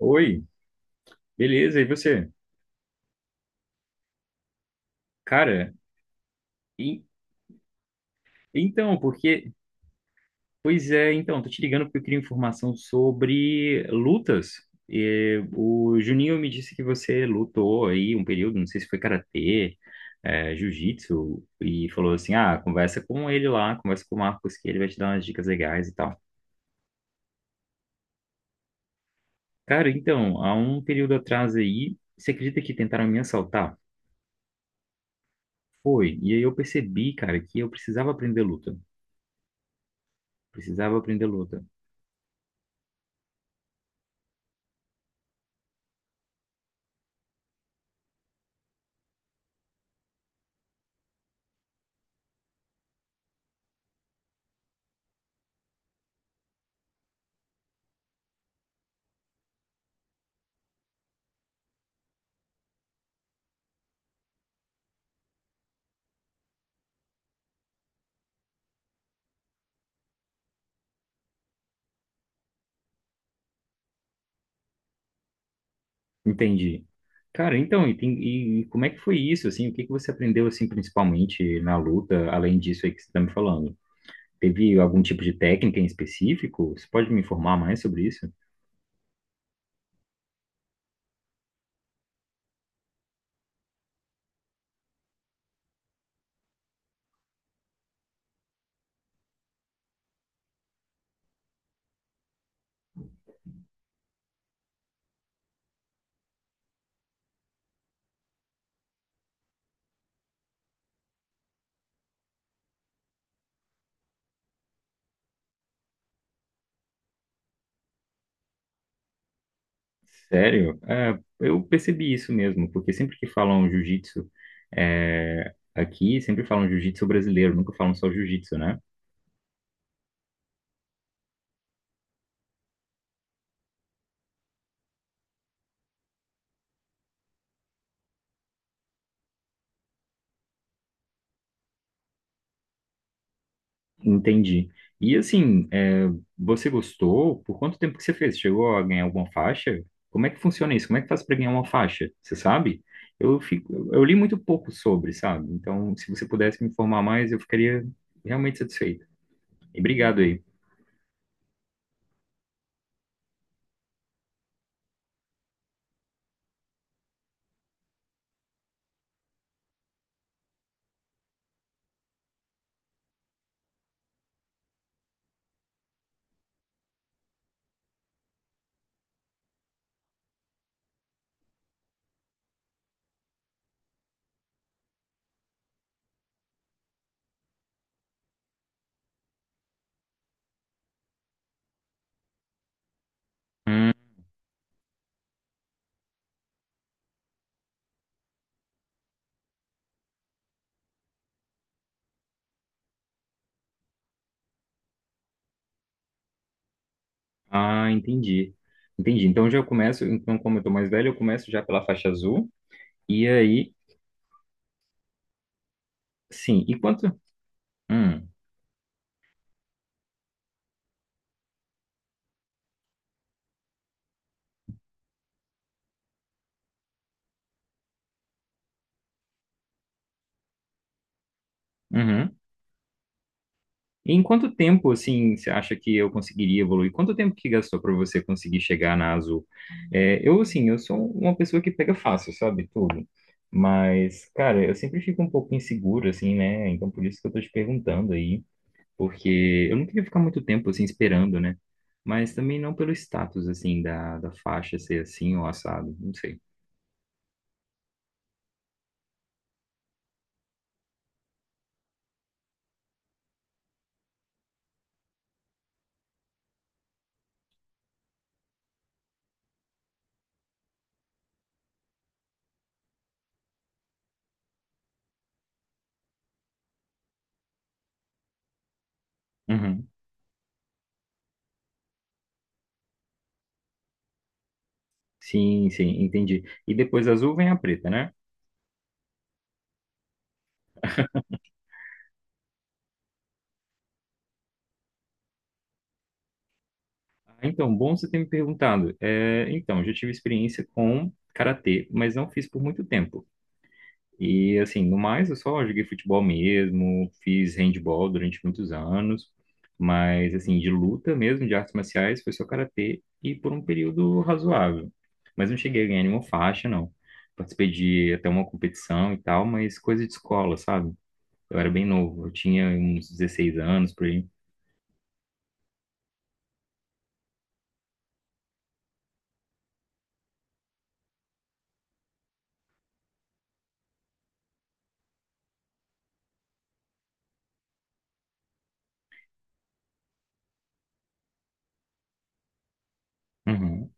Oi, beleza, e você? Cara, e- então, porque. Pois é, então, tô te ligando porque eu queria informação sobre lutas. E o Juninho me disse que você lutou aí um período, não sei se foi karatê, jiu-jitsu, e falou assim: ah, conversa com ele lá, conversa com o Marcos, que ele vai te dar umas dicas legais e tal. Cara, então, há um período atrás aí, você acredita que tentaram me assaltar? Foi, e aí eu percebi, cara, que eu precisava aprender luta. Precisava aprender luta. Entendi. Cara, então, e como é que foi isso, assim? O que que você aprendeu, assim, principalmente na luta, além disso aí que você está me falando? Teve algum tipo de técnica em específico? Você pode me informar mais sobre isso? Sério? É, eu percebi isso mesmo, porque sempre que falam jiu-jitsu, aqui, sempre falam jiu-jitsu brasileiro, nunca falam só jiu-jitsu, né? Entendi. E assim, é, você gostou? Por quanto tempo que você fez? Chegou a ganhar alguma faixa? Como é que funciona isso? Como é que faz para ganhar uma faixa? Você sabe? Eu li muito pouco sobre, sabe? Então, se você pudesse me informar mais, eu ficaria realmente satisfeito. E obrigado aí. Hum, ah, entendi. Entendi. Então já começo, então como eu tô mais velho, eu começo já pela faixa azul. E aí, sim. E quanto? Hum, uhum. E em quanto tempo, assim, você acha que eu conseguiria evoluir? Quanto tempo que gastou para você conseguir chegar na azul? É, eu, assim, eu sou uma pessoa que pega fácil, sabe, tudo. Mas, cara, eu sempre fico um pouco inseguro, assim, né? Então, por isso que eu tô te perguntando aí. Porque eu não queria ficar muito tempo, assim, esperando, né? Mas também não pelo status, assim, da faixa ser assim ou assado, não sei. Uhum. Sim, sim, entendi. E depois da azul vem a preta, né? Ah, então, bom você ter me perguntado. É, então, já tive experiência com karatê, mas não fiz por muito tempo. E assim, no mais, eu só joguei futebol mesmo, fiz handball durante muitos anos, mas assim, de luta mesmo, de artes marciais, foi só karatê e por um período razoável. Mas não cheguei a ganhar nenhuma faixa, não. Participei de até uma competição e tal, mas coisa de escola, sabe? Eu era bem novo, eu tinha uns 16 anos por aí. Uhum.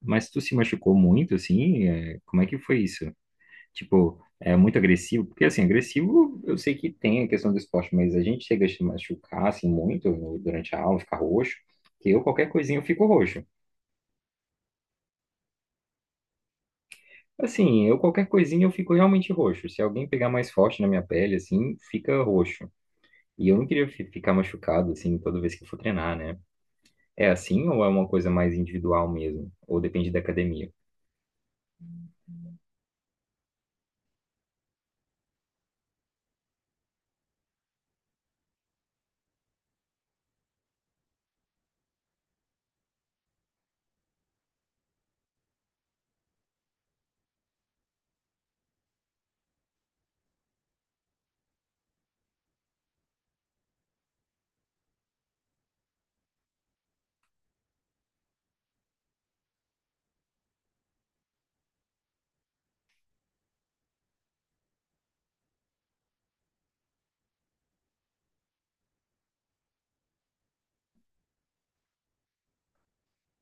Mas tu se machucou muito, assim? Como é que foi isso? Tipo, é muito agressivo, porque assim, agressivo eu sei que tem a questão do esporte, mas a gente chega a se machucar assim muito no- durante a aula, ficar roxo, que eu qualquer coisinha eu fico roxo. Assim, eu qualquer coisinha eu fico realmente roxo. Se alguém pegar mais forte na minha pele, assim, fica roxo. E eu não queria ficar machucado assim toda vez que eu for treinar, né? É assim ou é uma coisa mais individual mesmo? Ou depende da academia?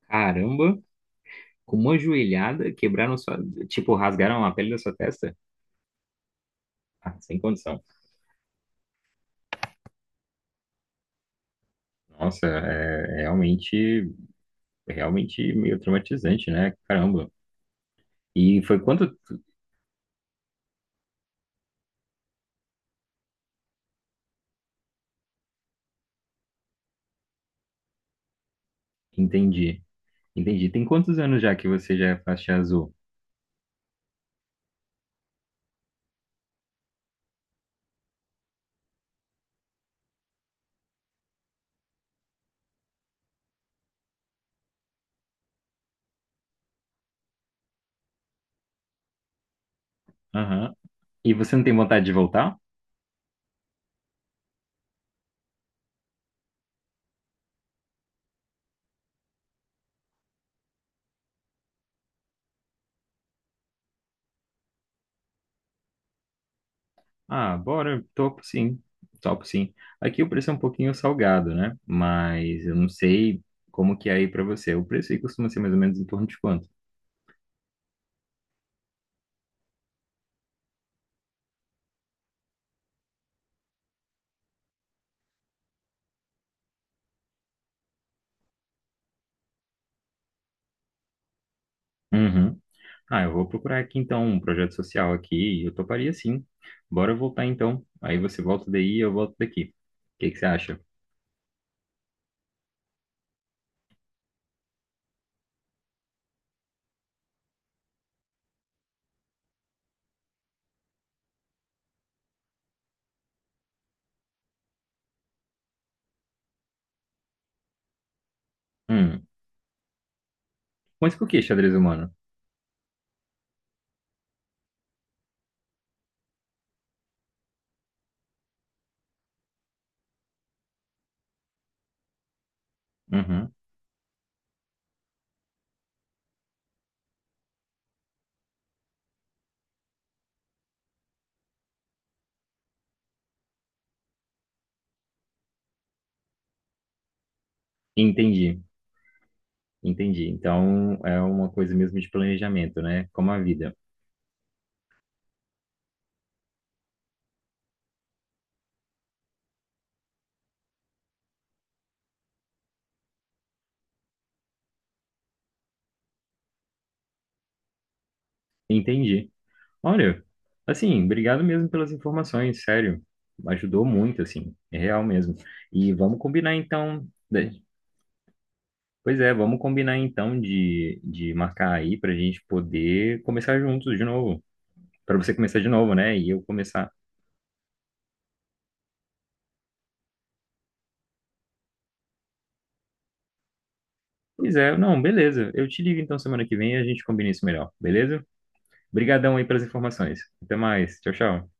Caramba, com uma joelhada quebraram sua, tipo, rasgaram a pele da sua testa? Ah, sem condição. Nossa, é realmente, é realmente meio traumatizante, né? Caramba. E foi quanto? Entendi, entendi. Tem quantos anos já que você já é faixa azul? Aham. E você não tem vontade de voltar? Ah, bora, topo sim, topo sim. Aqui o preço é um pouquinho salgado, né? Mas eu não sei como que é aí pra você. O preço aí costuma ser mais ou menos em torno de quanto? Uhum. Ah, eu vou procurar aqui então um projeto social aqui e eu toparia sim. Bora voltar então. Aí você volta daí e eu volto daqui. O que que você acha? Hum. Mas por que xadrez humano? Uhum. Entendi, entendi. Então é uma coisa mesmo de planejamento, né? Como a vida. Entendi. Olha, assim, obrigado mesmo pelas informações, sério. Ajudou muito, assim, é real mesmo. E vamos combinar então, né? Pois é, vamos combinar então de marcar aí pra gente poder começar juntos de novo. Pra você começar de novo, né? E eu começar. Pois é, não, beleza. Eu te ligo então semana que vem e a gente combina isso melhor, beleza? Obrigadão aí pelas informações. Até mais. Tchau, tchau.